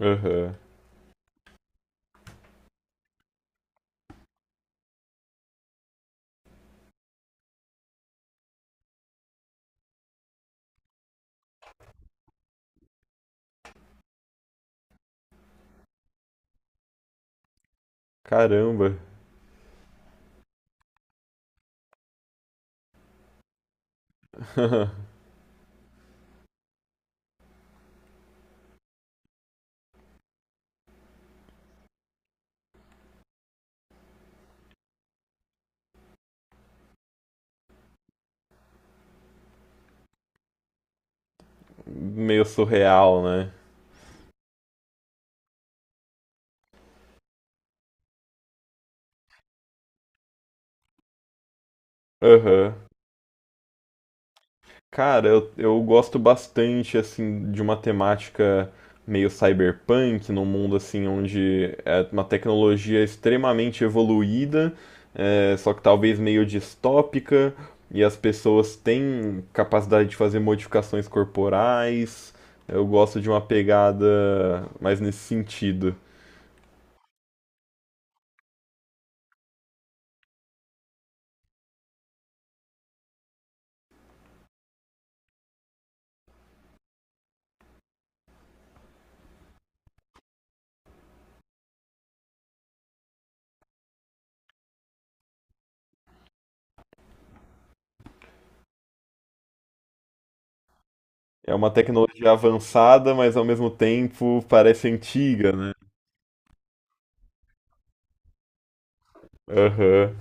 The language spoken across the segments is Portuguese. Aham. Caramba. Meio surreal, né? Aham. Cara, eu gosto bastante, assim, de uma temática meio cyberpunk, num mundo, assim, onde é uma tecnologia extremamente evoluída, só que talvez meio distópica, e as pessoas têm capacidade de fazer modificações corporais. Eu gosto de uma pegada mais nesse sentido. É uma tecnologia avançada, mas ao mesmo tempo parece antiga, né? Aham,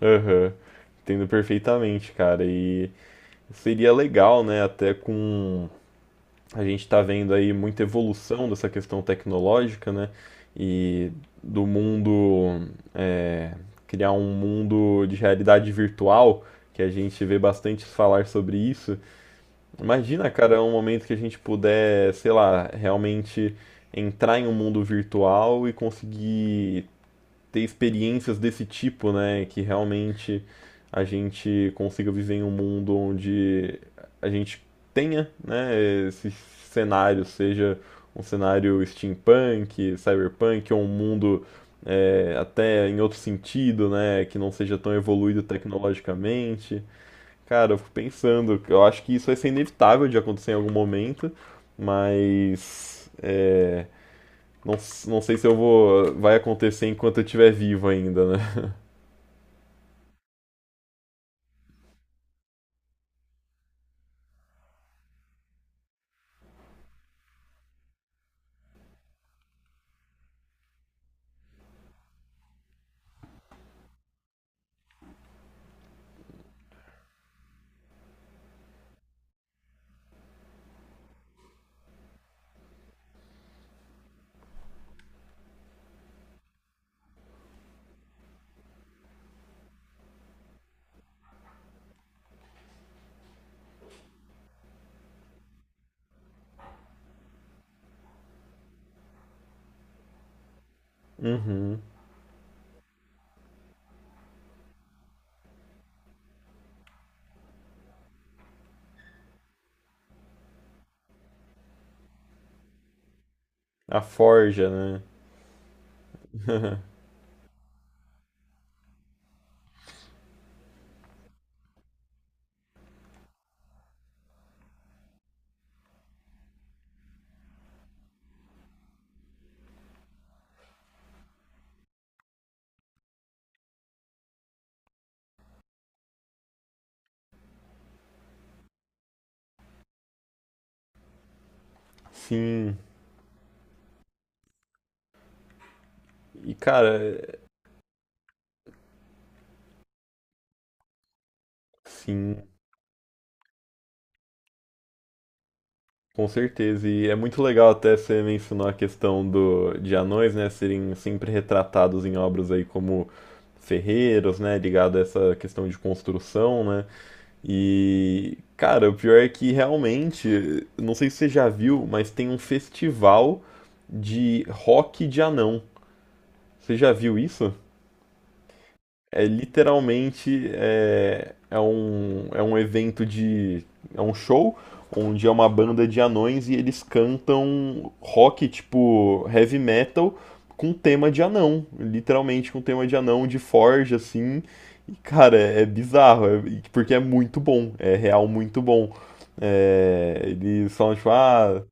aham. Entendo perfeitamente, cara. E seria legal, né? Até com. A gente tá vendo aí muita evolução dessa questão tecnológica, né? E do mundo. é, Criar um mundo de realidade virtual, que a gente vê bastante falar sobre isso. Imagina, cara, um momento que a gente puder, sei lá, realmente entrar em um mundo virtual e conseguir ter experiências desse tipo, né? Que realmente a gente consiga viver em um mundo onde a gente tenha, né, esse cenário, seja um cenário steampunk, cyberpunk, ou um mundo até em outro sentido, né? Que não seja tão evoluído tecnologicamente. Cara, eu fico pensando, eu acho que isso vai ser inevitável de acontecer em algum momento, mas não sei se vai acontecer enquanto eu estiver vivo ainda, né? Uhum. A forja, né? Sim. E cara, sim, com certeza. E é muito legal até você mencionou a questão do de anões, né, serem sempre retratados em obras aí como ferreiros, né, ligado a essa questão de construção, né? E, cara, o pior é que realmente, não sei se você já viu, mas tem um festival de rock de anão. Você já viu isso? É literalmente é, é um evento de. É um show onde é uma banda de anões e eles cantam rock, tipo heavy metal, com tema de anão. Literalmente com tema de anão, de forja, assim. E, cara, é bizarro, porque é muito bom, é real muito bom. É, eles falam, tipo, ah,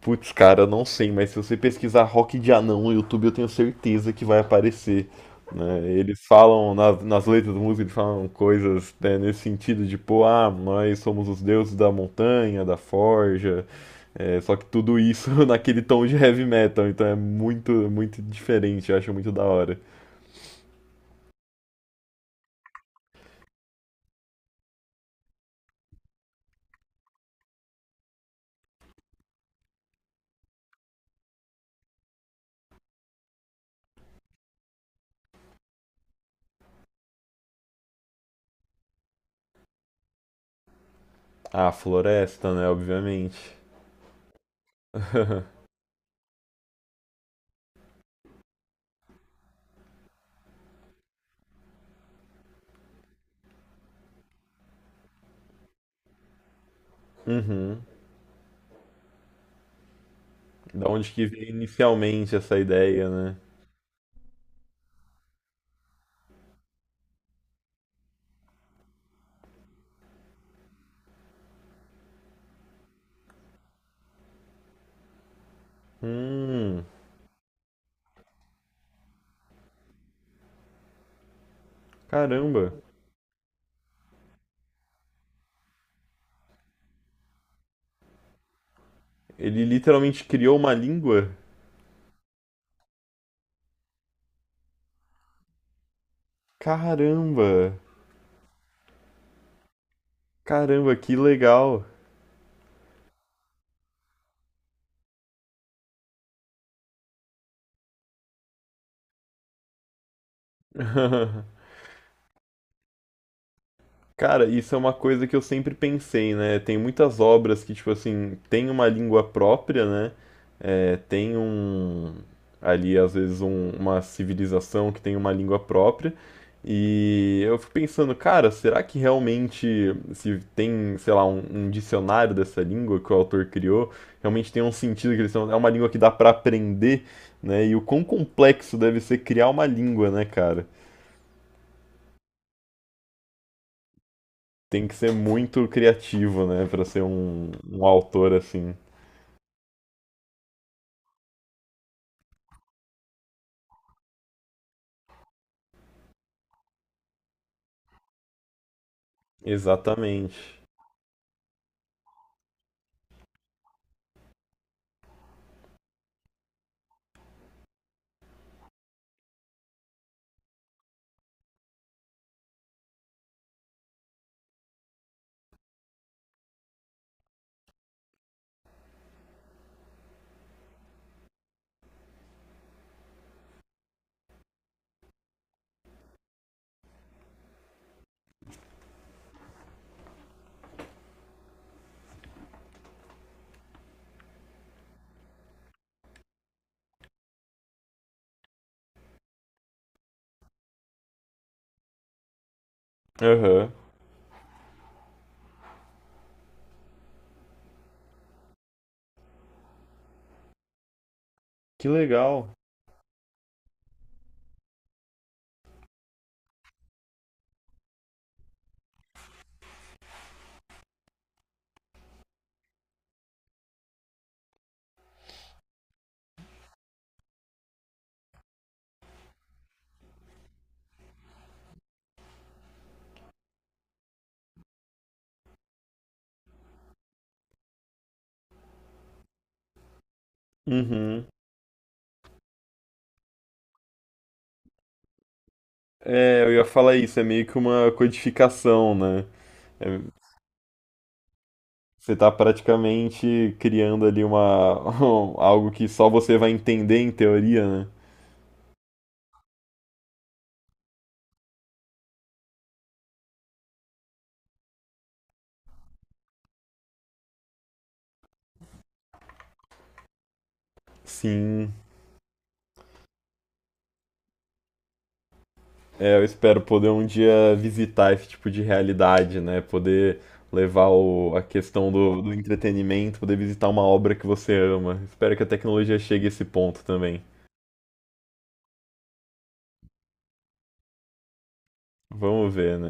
Putz, cara, não sei, mas se você pesquisar rock de anão no YouTube, eu tenho certeza que vai aparecer. Né? Eles falam nas letras da música, eles falam coisas, né, nesse sentido de, pô, ah, nós somos os deuses da montanha, da forja, só que tudo isso naquele tom de heavy metal, então é muito, muito diferente, eu acho muito da hora. Ah, floresta, né, obviamente. Uhum. Da onde que veio inicialmente essa ideia, né? Hum, caramba. Ele literalmente criou uma língua? Caramba! Caramba, que legal! Cara, isso é uma coisa que eu sempre pensei, né? Tem muitas obras que, tipo assim, tem uma língua própria, né? É, tem um. Ali, às vezes, uma civilização que tem uma língua própria. E eu fico pensando, cara, será que realmente, se tem, sei lá, um dicionário dessa língua que o autor criou, realmente tem um sentido que eles são. É uma língua que dá pra aprender, né? E o quão complexo deve ser criar uma língua, né, cara? Tem que ser muito criativo, né, pra ser um autor assim. Exatamente. Aham. Que legal. Uhum. É, eu ia falar isso, é meio que uma codificação, né? É, você tá praticamente criando ali uma algo que só você vai entender em teoria, né? Sim. É, eu espero poder um dia visitar esse tipo de realidade, né? Poder a questão do, do entretenimento, poder visitar uma obra que você ama. Espero que a tecnologia chegue a esse ponto também. Vamos ver, né?